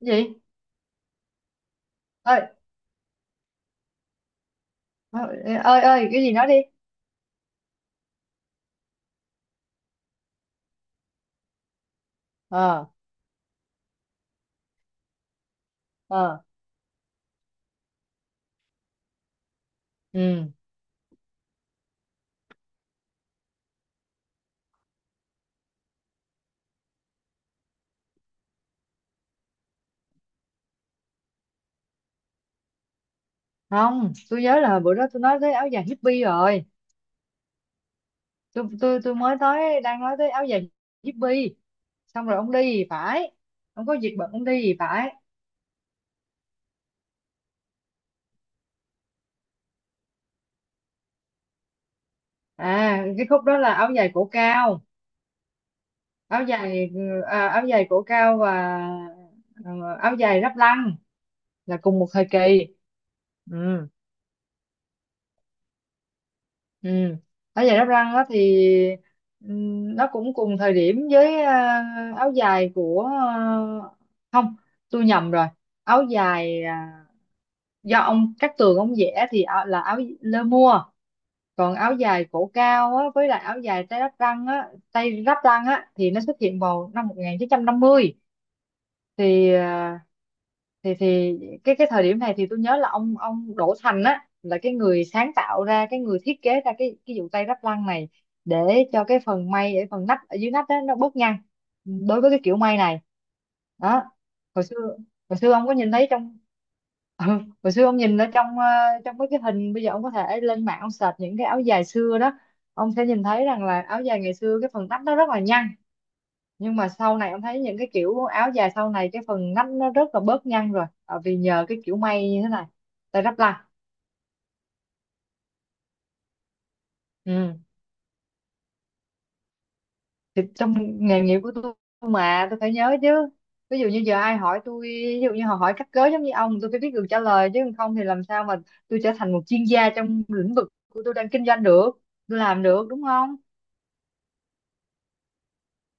Gì? Ơi ơi ơi, cái gì, nói đi. Ờ. Ờ. Ừ. Không, tôi nhớ là bữa đó tôi nói tới áo dài hippie rồi. Tôi mới nói đang nói tới áo dài hippie. Xong rồi ông đi thì phải. Không có việc bận ông đi thì phải. À, cái khúc đó là áo dài cổ cao. áo dài Áo dài cổ cao và ờ, áo dài ráp lăng là cùng một thời kỳ. Ừ. Ừ. Áo dài đắp răng á thì nó cũng cùng thời điểm với áo dài của không, tôi nhầm rồi. Áo dài do ông Cát Tường ông vẽ thì áo- là áo lơ mua. Còn áo dài cổ cao á, với lại áo dài tay đắp răng á, tay đắp răng á thì nó xuất hiện vào năm 1950. Thì à, thì thì cái thời điểm này thì tôi nhớ là ông Đỗ Thành á là cái người sáng tạo ra cái người thiết kế ra cái vụ tay ráp lăng này, để cho cái phần may, để phần nách ở dưới nách đó nó bớt nhăn đối với cái kiểu may này. Đó, hồi xưa, hồi xưa ông có nhìn thấy trong ừ, hồi xưa ông nhìn ở trong trong mấy cái hình. Bây giờ ông có thể lên mạng ông search những cái áo dài xưa đó, ông sẽ nhìn thấy rằng là áo dài ngày xưa cái phần nách nó rất là nhăn. Nhưng mà sau này em thấy những cái kiểu áo dài sau này cái phần nách nó rất là bớt nhăn rồi. Ờ, Vì nhờ cái kiểu may như thế này, tay đắp lại. Ừ. Thì trong nghề nghiệp của tôi mà tôi phải nhớ chứ. Ví dụ như giờ ai hỏi tôi, ví dụ như họ hỏi cắt cớ giống như ông, tôi phải biết được trả lời, chứ không thì làm sao mà tôi trở thành một chuyên gia trong lĩnh vực của tôi đang kinh doanh được. Tôi làm được, đúng không?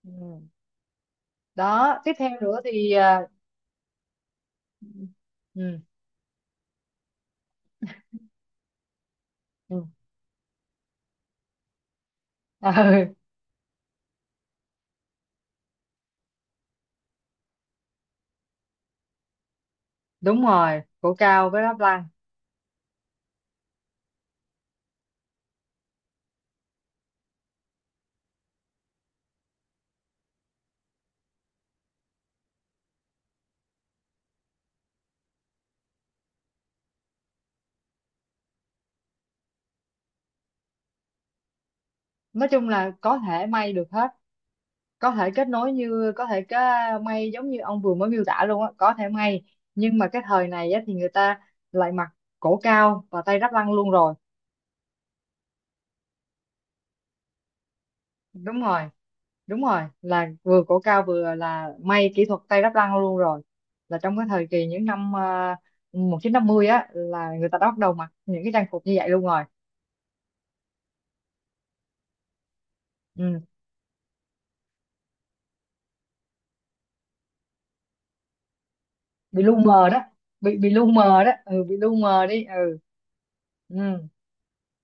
Ừ. Đó, tiếp theo nữa thì ừ. Ừ. Ừ, đúng rồi, cổ cao với đắp lăng. Nói chung là có thể may được hết, có thể kết nối, như có thể cái may giống như ông vừa mới miêu tả luôn á, có thể may. Nhưng mà cái thời này á, thì người ta lại mặc cổ cao và tay ráp lăng luôn rồi. Đúng rồi, đúng rồi, là vừa cổ cao vừa là may kỹ thuật tay đắp lăng luôn rồi. Là trong cái thời kỳ những năm 1950 á, là người ta đã bắt đầu mặc những cái trang phục như vậy luôn rồi. Ừ. Bị lu mờ đó. Bị lu mờ đó. Ừ, bị lu mờ đi. Ừ. Ừ,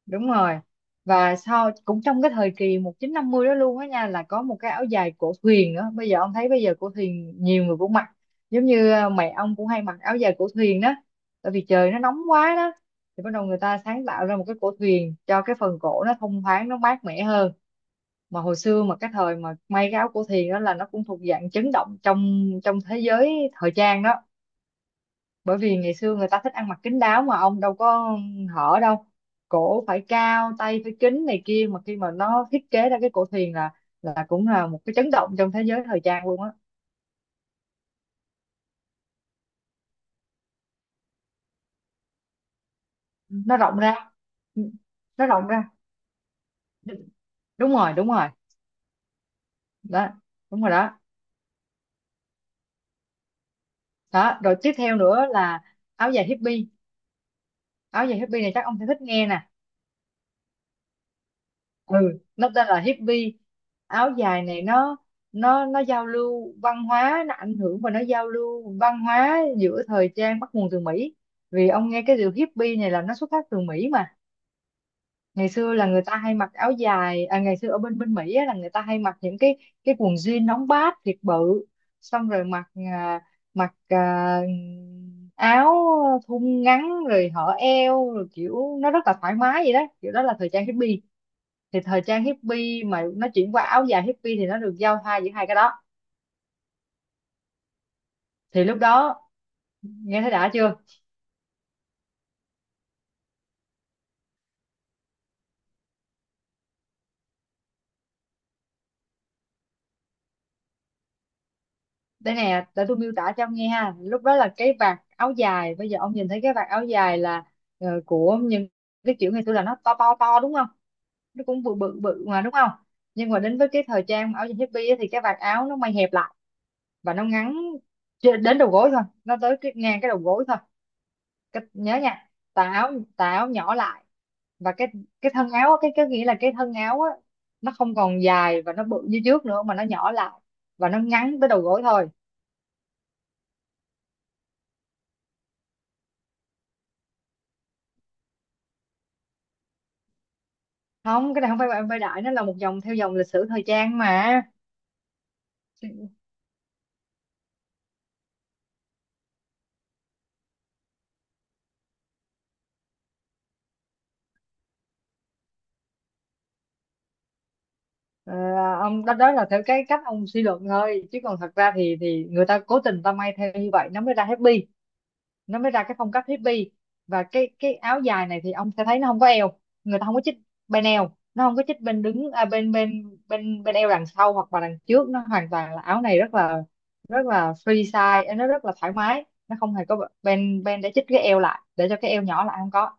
đúng rồi. Và sau cũng trong cái thời kỳ 1950 đó luôn á nha, là có một cái áo dài cổ thuyền nữa. Bây giờ ông thấy, bây giờ cổ thuyền nhiều người cũng mặc, giống như mẹ ông cũng hay mặc áo dài cổ thuyền đó. Tại vì trời nó nóng quá đó, thì bắt đầu người ta sáng tạo ra một cái cổ thuyền cho cái phần cổ nó thông thoáng, nó mát mẻ hơn. Mà hồi xưa mà cái thời mà may cái áo cổ thuyền đó, là nó cũng thuộc dạng chấn động trong trong thế giới thời trang đó. Bởi vì ngày xưa người ta thích ăn mặc kín đáo, mà ông đâu có hở đâu, cổ phải cao tay phải kín này kia, mà khi mà nó thiết kế ra cái cổ thuyền là cũng là một cái chấn động trong thế giới thời trang luôn á. Ừ. Nó rộng ra. Nó rộng ra. Đúng rồi, đúng rồi đó, đúng rồi đó. Đó rồi, tiếp theo nữa là áo dài hippie. Áo dài hippie này chắc ông sẽ thích nghe nè. Ừ, nó tên là hippie. Áo dài này nó giao lưu văn hóa, nó ảnh hưởng và nó giao lưu văn hóa giữa thời trang bắt nguồn từ Mỹ. Vì ông nghe cái điều hippie này là nó xuất phát từ Mỹ mà. Ngày xưa là người ta hay mặc áo dài ngày xưa ở bên bên Mỹ á, là người ta hay mặc những cái quần jean nóng bát thiệt bự. Xong rồi mặc à, áo thun ngắn, rồi hở eo, rồi kiểu nó rất là thoải mái vậy đó, kiểu đó là thời trang hippie. Thì thời trang hippie mà nó chuyển qua áo dài hippie thì nó được giao thoa giữa hai cái đó. Thì lúc đó, nghe thấy đã chưa? Đây nè, để tôi miêu tả cho ông nghe ha. Lúc đó là cái vạt áo dài, bây giờ ông nhìn thấy cái vạt áo dài là của những cái kiểu ngày xưa là nó to to to, đúng không? Nó cũng bự bự bự mà, đúng không? Nhưng mà đến với cái thời trang áo dài hippie á, thì cái vạt áo nó may hẹp lại và nó ngắn, trên- đến đầu gối thôi, nó tới cái ngang cái đầu gối thôi. Cái- nhớ nha, tà áo, tà áo nhỏ lại. Và cái thân áo á, cái nghĩa là cái thân áo á, nó không còn dài và nó bự như trước nữa mà nó nhỏ lại, và nó ngắn tới đầu gối thôi. Không, cái này không phải bạn vai đại, nó là một dòng theo dòng lịch sử thời trang mà. Ờ, ông, đó đó là theo cái cách ông suy luận thôi, chứ còn thật ra thì người ta cố tình ta may theo như vậy nó mới ra happy. Nó mới ra cái phong cách hippie. Và cái áo dài này thì ông sẽ thấy nó không có eo. Người ta không có chích bên eo, nó không có chích bên đứng, à, bên bên bên bên eo đằng sau hoặc là đằng trước, nó hoàn toàn là áo này rất là free size, nó rất là thoải mái, nó không hề có bên bên để chích cái eo lại để cho cái eo nhỏ lại, không có,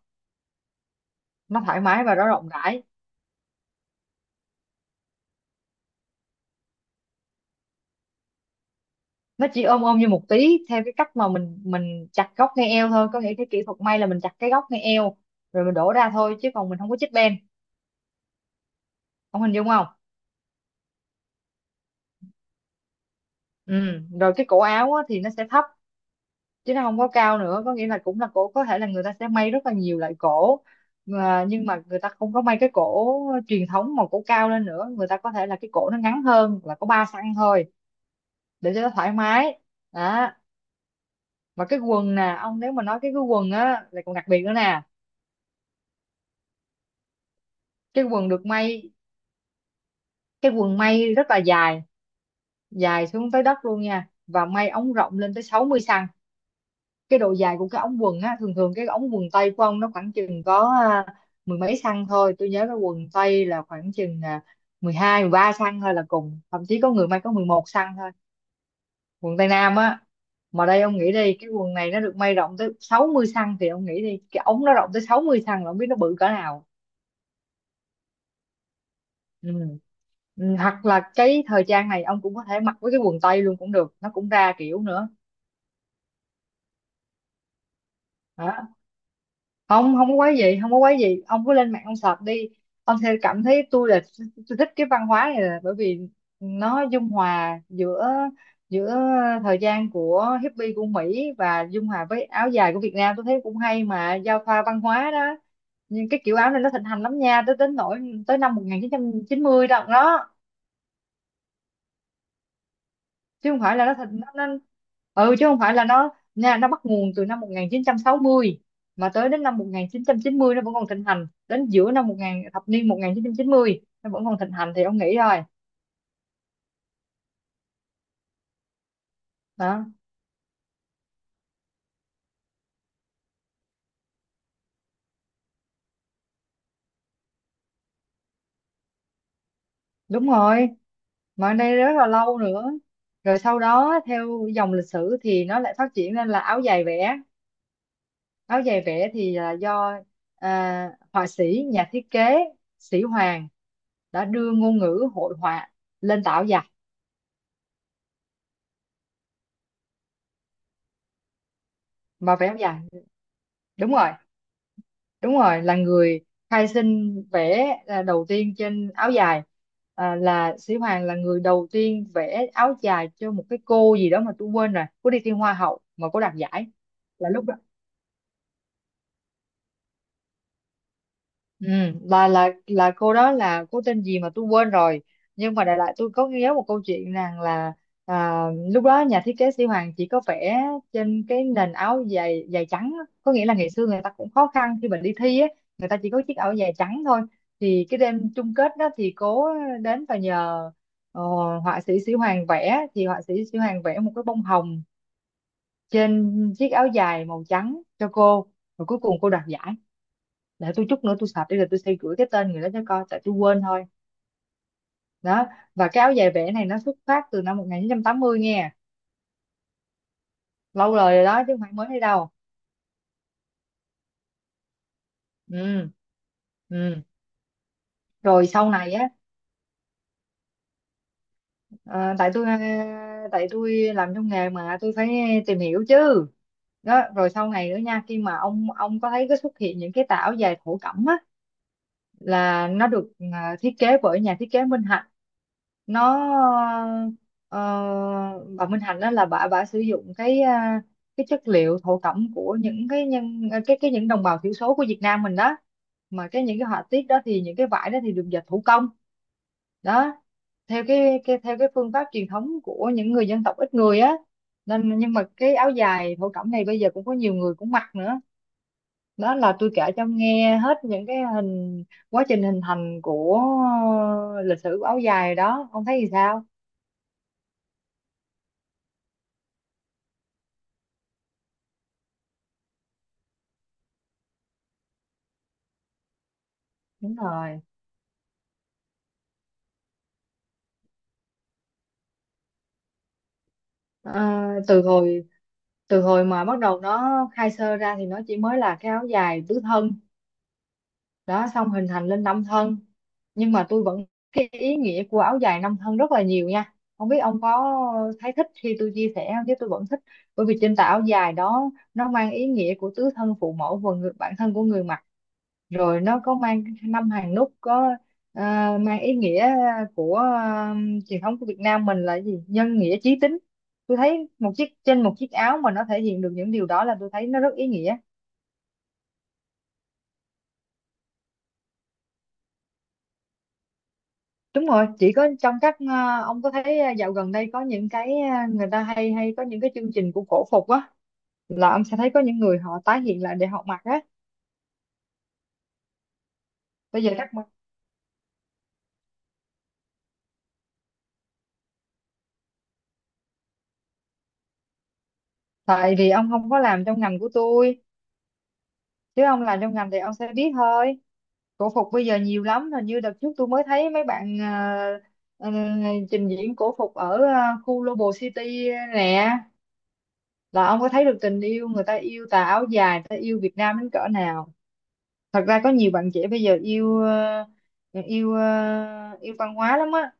nó thoải mái và nó rộng rãi. Nó chỉ ôm ôm như một tí theo cái cách mà mình chặt góc ngay eo thôi, có nghĩa cái kỹ thuật may là mình chặt cái góc ngay eo rồi mình đổ ra thôi chứ còn mình không có chích bên. Ông hình dung không? Ừ. Rồi cái cổ áo á, thì nó sẽ thấp chứ nó không có cao nữa, có nghĩa là cũng là cổ có thể là người ta sẽ may rất là nhiều loại cổ. Mà- nhưng mà người ta không có may cái cổ truyền thống mà cổ cao lên nữa, người ta có thể là cái cổ nó ngắn hơn, là có 3 xăng thôi, để cho nó thoải mái. Đó. Và cái quần nè ông, nếu mà nói cái quần á là còn đặc biệt nữa nè. Cái quần được may, cái quần may rất là dài, dài xuống tới đất luôn nha, và may ống rộng lên tới 60 xăng. Cái độ dài của cái ống quần á, thường thường cái ống quần tây của ông nó khoảng chừng có mười mấy xăng thôi. Tôi nhớ cái quần tây là khoảng chừng 12, 13 xăng thôi là cùng, thậm chí có người may có 11 xăng thôi. Quần tây nam á. Mà đây ông nghĩ đi, cái quần này nó được may rộng tới 60 xăng, thì ông nghĩ đi cái ống nó rộng tới 60 xăng là ông biết nó bự cỡ nào. Ừ. Ừ, hoặc là cái thời trang này ông cũng có thể mặc với cái quần tây luôn cũng được, nó cũng ra kiểu nữa. Đó, không không có quái gì, không có quái gì, ông cứ lên mạng ông search đi. Ông sẽ cảm thấy tôi là, tôi thích cái văn hóa này là bởi vì nó dung hòa giữa giữa thời gian của hippie của Mỹ và dung hòa với áo dài của Việt Nam. Tôi thấy cũng hay mà, giao thoa văn hóa đó. Nhưng cái kiểu áo này nó thịnh hành lắm nha, tới đến nỗi tới năm một nghìn chín chín trăm chín mươi đó đó, chứ không phải là nó thành nó. Ừ, chứ không phải là nó nha, nó bắt nguồn từ năm 1960 mà tới đến năm 1990 nó vẫn còn thịnh hành, đến giữa năm 1000 thập niên một nghìn chín chín trăm chín mươi nó vẫn còn thịnh hành, thì ông nghĩ rồi đó. Đúng rồi, mà ở đây rất là lâu nữa. Rồi sau đó theo dòng lịch sử thì nó lại phát triển lên là áo dài vẽ. Áo dài vẽ thì là do họa sĩ, nhà thiết kế Sĩ Hoàng đã đưa ngôn ngữ hội họa lên tà áo dài, mà vẽ áo dài. Đúng rồi, đúng rồi, là người khai sinh vẽ đầu tiên trên áo dài. Là Sĩ Hoàng là người đầu tiên vẽ áo dài cho một cái cô gì đó mà tôi quên rồi, cô đi thi hoa hậu mà cô đạt giải, là lúc đó. Ừ, là cô đó là cô tên gì mà tôi quên rồi, nhưng mà đại loại tôi có nhớ một câu chuyện rằng là à, lúc đó nhà thiết kế Sĩ Hoàng chỉ có vẽ trên cái nền áo dài dài trắng á. Có nghĩa là ngày xưa người ta cũng khó khăn khi mà đi thi á, người ta chỉ có chiếc áo dài trắng thôi. Thì cái đêm chung kết đó thì cô đến và nhờ ờ, họa sĩ Sĩ Hoàng vẽ, thì họa sĩ Sĩ Hoàng vẽ một cái bông hồng trên chiếc áo dài màu trắng cho cô, rồi cuối cùng cô đoạt giải. Để tôi chút nữa tôi sạch đi rồi tôi sẽ gửi cái tên người đó cho coi, tại tôi quên thôi. Đó, và cái áo dài vẽ này nó xuất phát từ năm 1980 nghe, lâu đời rồi đó chứ không phải mới đây đâu. Ừ. Ừ. Rồi sau này á, ờ, tại tôi tại tôi làm trong nghề mà tôi phải tìm hiểu chứ. Đó, rồi sau này nữa nha, khi mà ông có thấy cái xuất hiện những cái tà áo dài thổ cẩm á, là nó được thiết kế bởi nhà thiết kế Minh Hạnh. Nó ờ, bà Minh Hạnh đó là bà sử dụng cái cái chất liệu thổ cẩm của những cái nhân cái những đồng bào thiểu số của Việt Nam mình đó, mà cái những cái họa tiết đó thì những cái vải đó thì được dệt thủ công. Đó, theo cái theo cái phương pháp truyền thống của những người dân tộc ít người á, nên nhưng mà cái áo dài thổ cẩm này bây giờ cũng có nhiều người cũng mặc nữa. Đó là tôi kể cho ông nghe hết những cái hình, quá trình hình thành của lịch sử của áo dài đó, ông thấy thì sao? Đúng rồi. Từ hồi từ hồi mà bắt đầu nó khai sơ ra thì nó chỉ mới là cái áo dài tứ thân, đó, xong hình thành lên năm thân. Nhưng mà tôi vẫn, cái ý nghĩa của áo dài năm thân rất là nhiều nha, không biết ông có thấy thích khi tôi chia sẻ không chứ tôi vẫn thích. Bởi vì trên tà áo dài đó nó mang ý nghĩa của tứ thân phụ mẫu và người, bản thân của người mặc. Rồi nó có mang năm hàng nút, có ờ, mang ý nghĩa của truyền thống của Việt Nam mình là gì, nhân nghĩa chí tín. Tôi thấy một chiếc, trên một chiếc áo mà nó thể hiện được những điều đó là tôi thấy nó rất ý nghĩa. Đúng rồi, chỉ có trong các ông có thấy dạo gần đây có những cái người ta hay hay có những cái chương trình của cổ phục á, là ông sẽ thấy có những người họ tái hiện lại để họ mặc á. Bây giờ các bạn- tại vì ông không có làm trong ngành của tôi, chứ ông làm trong ngành thì ông sẽ biết thôi. Cổ phục bây giờ nhiều lắm, hình như đợt trước tôi mới thấy mấy bạn ờ, ờ, trình diễn cổ phục ở khu Global City nè, là ông có thấy được tình yêu người ta yêu tà áo dài, người ta yêu Việt Nam đến cỡ nào. Thật ra có nhiều bạn trẻ bây giờ yêu yêu yêu văn hóa lắm á.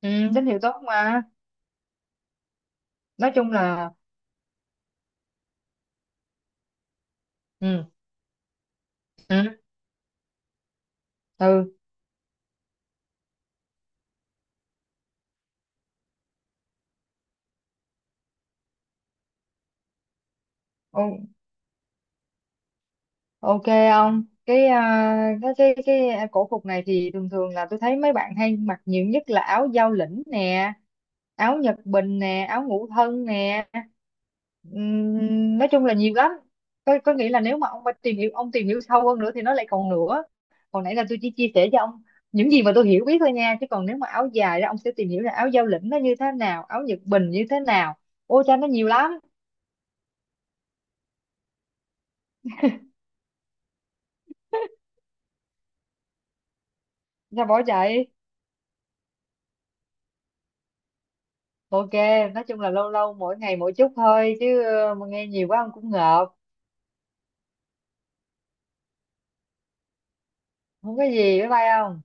Ừ, tín hiệu tốt mà. Nói chung là ừ. Ừ. Ừ. Ok, ông cái cái cổ phục này thì thường thường là tôi thấy mấy bạn hay mặc nhiều nhất là áo giao lĩnh nè, áo Nhật Bình nè, áo ngũ thân nè. Nói chung là nhiều lắm. Có nghĩa là nếu mà ông mà tìm hiểu, ông tìm hiểu sâu hơn nữa thì nó lại còn nữa. Hồi nãy là tôi chỉ chia sẻ cho ông những gì mà tôi hiểu biết thôi nha, chứ còn nếu mà áo dài đó ông sẽ tìm hiểu là áo giao lĩnh nó như thế nào, áo Nhật Bình như thế nào, ôi cha nó nhiều lắm. Sao bỏ chạy? Ok, nói chung là lâu lâu mỗi ngày mỗi chút thôi chứ mà nghe nhiều quá ông cũng ngợp. Không có gì, bye bye ông.